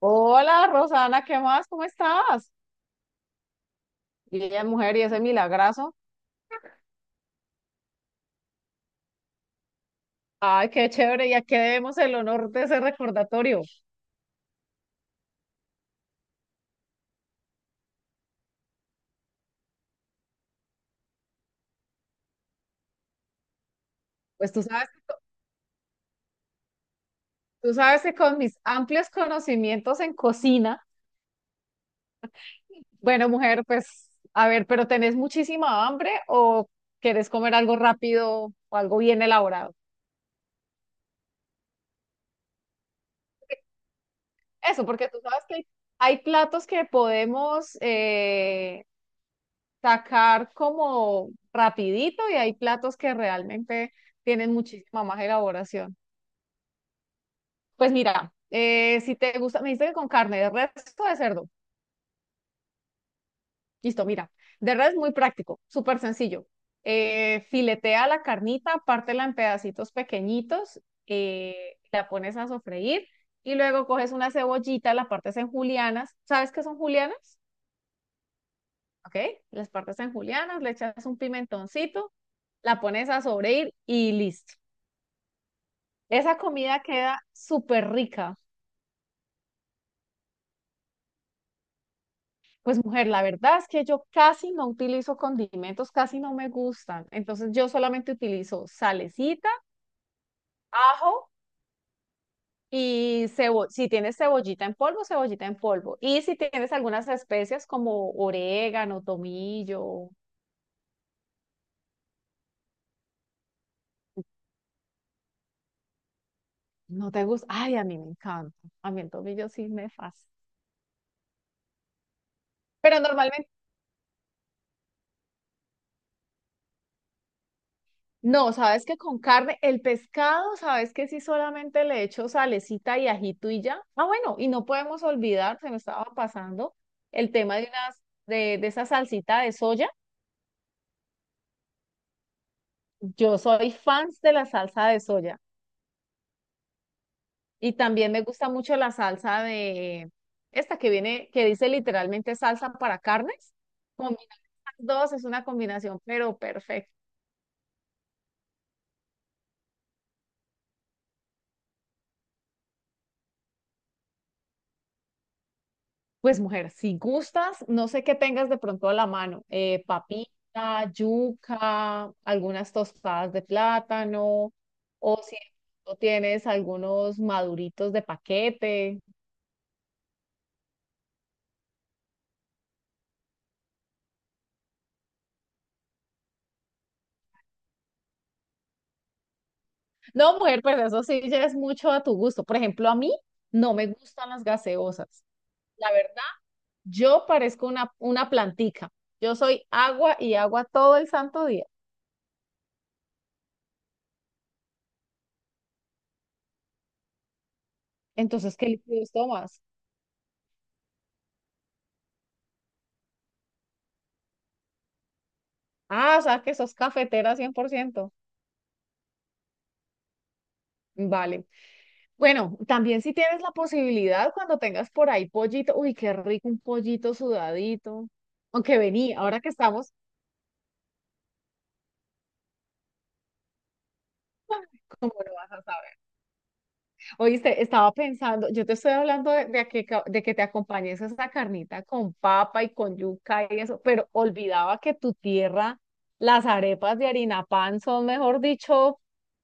Hola, Rosana, ¿qué más? ¿Cómo estás? Bien, mujer, y ese milagrazo. Ay, qué chévere, ya que debemos el honor de ese recordatorio. Pues tú sabes, tú sabes que con mis amplios conocimientos en cocina, bueno, mujer, pues a ver, pero ¿tenés muchísima hambre o querés comer algo rápido o algo bien elaborado? Eso, porque tú sabes que hay platos que podemos sacar como rapidito y hay platos que realmente tienen muchísima más elaboración. Pues mira, si te gusta, me dijiste que con carne de res o de cerdo. Listo, mira. De res muy práctico, súper sencillo. Filetea la carnita, pártela en pedacitos pequeñitos, la pones a sofreír y luego coges una cebollita, la partes en julianas. ¿Sabes qué son julianas? Ok, las partes en julianas, le echas un pimentoncito, la pones a sofreír y listo. Esa comida queda súper rica. Pues mujer, la verdad es que yo casi no utilizo condimentos, casi no me gustan. Entonces yo solamente utilizo salecita, ajo y cebo si tienes cebollita en polvo, cebollita en polvo. Y si tienes algunas especias como orégano, tomillo, no te gusta. Ay, a mí me encanta. A mí el tomillo sí me fascina. Pero normalmente no, sabes que con carne, el pescado, sabes que sí solamente le echo salecita y ajito y ya. Ah, bueno, y no podemos olvidar, se me estaba pasando el tema de unas, de esa salsita de soya. Yo soy fans de la salsa de soya y también me gusta mucho la salsa de esta que viene, que dice literalmente salsa para carnes. Combina las dos, es una combinación, pero perfecta. Pues mujer, si gustas, no sé qué tengas de pronto a la mano, papita, yuca, algunas tostadas de plátano, o si de pronto tienes algunos maduritos de paquete. No, mujer, pues eso sí ya es mucho a tu gusto. Por ejemplo, a mí no me gustan las gaseosas. La verdad, yo parezco una plantica. Yo soy agua y agua todo el santo día. Entonces, ¿qué líquidos tomas? Ah, o sea que sos cafetera 100%. Vale. Bueno, también si tienes la posibilidad, cuando tengas por ahí pollito, uy, qué rico un pollito sudadito. Aunque vení, ahora que estamos, ¿cómo lo vas a saber? Oíste, estaba pensando, yo te estoy hablando de a de que te acompañes a esa carnita con papa y con yuca y eso, pero olvidaba que tu tierra, las arepas de harina pan son, mejor dicho,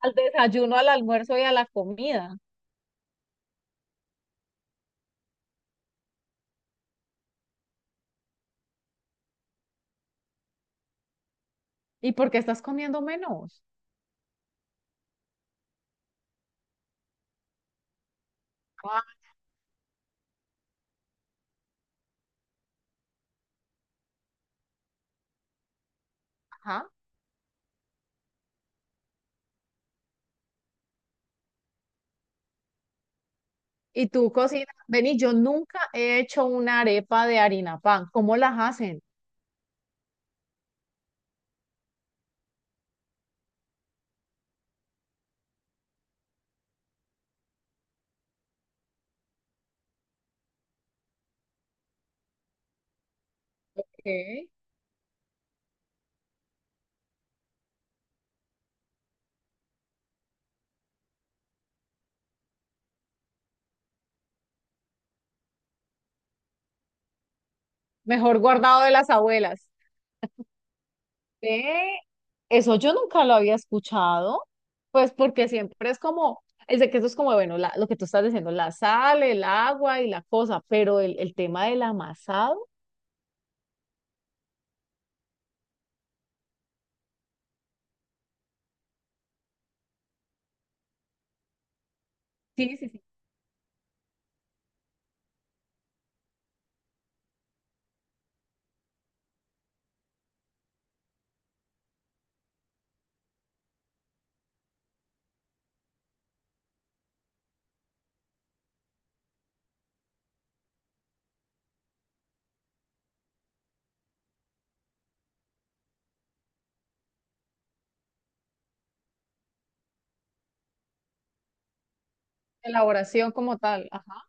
al desayuno, al almuerzo y a la comida. ¿Y por qué estás comiendo menos? Ajá. Y tú cocinas, vení, yo nunca he hecho una arepa de harina pan. ¿Cómo las hacen? ¿Qué? Mejor guardado de las abuelas. ¿Qué? Eso yo nunca lo había escuchado, pues porque siempre es como, el de que eso es como, bueno, lo que tú estás diciendo, la sal, el agua y la cosa, pero el tema del amasado, sí, sí, sí, elaboración como tal, ajá.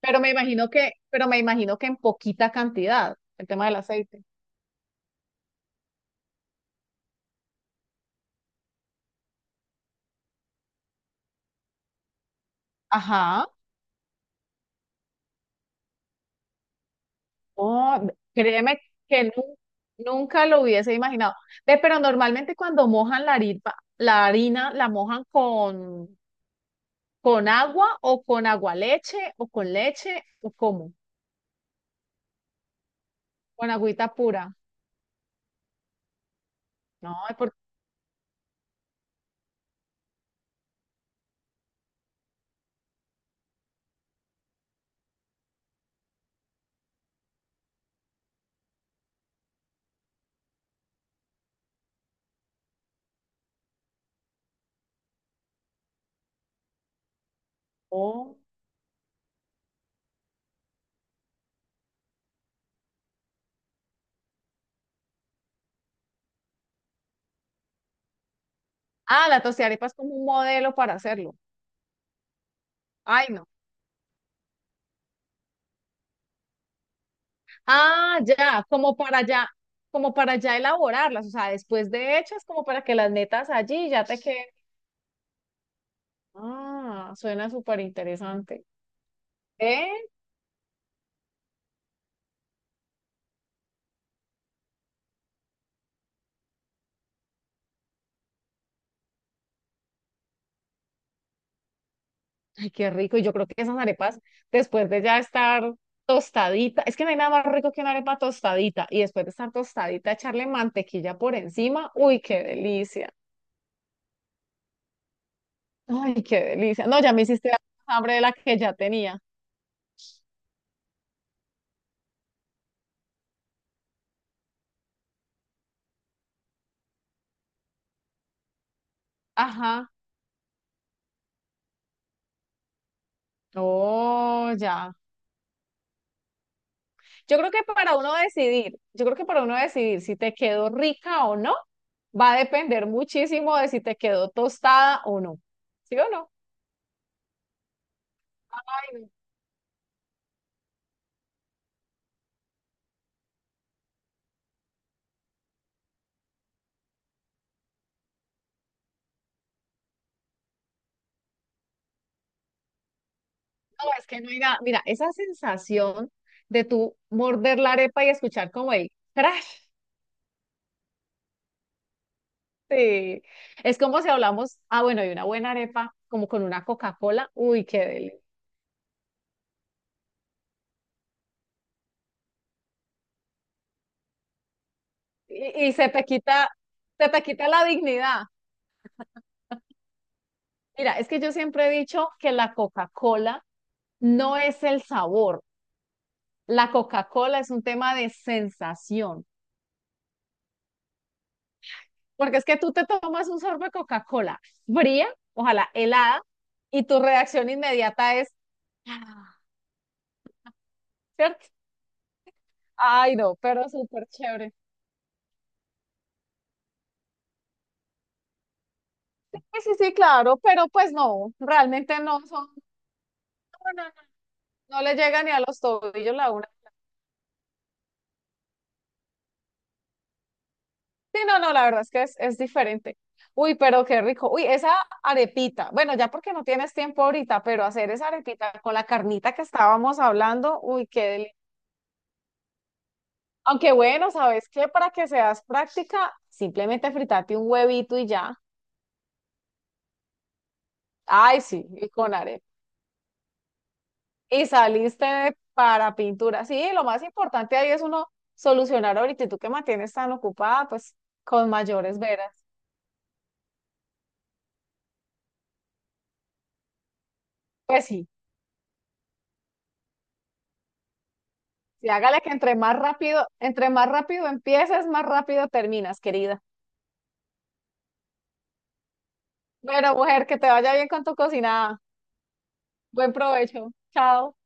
Pero me imagino que, pero me imagino que en poquita cantidad, el tema del aceite. Ajá. Oh, créeme que nu- nunca lo hubiese imaginado. Ve, pero normalmente cuando mojan la harina, la harina la mojan con agua o con agua leche o con leche o cómo, con agüita pura. No, por oh. Ah, la tostiarepa es como un modelo para hacerlo. Ay, no. Ah, ya, como para ya elaborarlas, o sea, después de hechas, como para que las metas allí y ya te queden. Ah, suena súper interesante. Ay, qué rico. Y yo creo que esas arepas, después de ya estar tostadita, es que no hay nada más rico que una arepa tostadita. Y después de estar tostadita, echarle mantequilla por encima. Uy, qué delicia. Ay, qué delicia. No, ya me hiciste dar más hambre de la que ya tenía. Ajá. Oh, ya. Yo creo que para uno decidir, yo creo que para uno decidir si te quedó rica o no, va a depender muchísimo de si te quedó tostada o no. ¿Sí o no? No, es que no hay nada. Mira, esa sensación de tú morder la arepa y escuchar como el crash de-. Es como si hablamos, ah, bueno, y una buena arepa, como con una Coca-Cola. Uy, qué deli. Y se te quita la dignidad. Mira, es que yo siempre he dicho que la Coca-Cola no es el sabor. La Coca-Cola es un tema de sensación. Porque es que tú te tomas un sorbo de Coca-Cola fría, ojalá helada, y tu reacción inmediata es. ¿Cierto? Ay, no, pero súper chévere. Sí, sí, sí, claro, pero pues no, realmente no son, no, no, no, no le llega ni a los tobillos la una. Sí, no, no, la verdad es que es diferente. Uy, pero qué rico. Uy, esa arepita, bueno, ya porque no tienes tiempo ahorita, pero hacer esa arepita con la carnita que estábamos hablando, uy, qué deli-. Aunque bueno, ¿sabes qué? Para que seas práctica, simplemente fritate un huevito y ya. Ay, sí, y con arepa. Y saliste de- para pintura. Sí, lo más importante ahí es uno solucionar ahorita y tú que mantienes tan ocupada, pues con mayores veras. Pues sí, sí, hágale que entre más rápido empieces, más rápido terminas, querida. Bueno, mujer, que te vaya bien con tu cocinada. Buen provecho. Chao.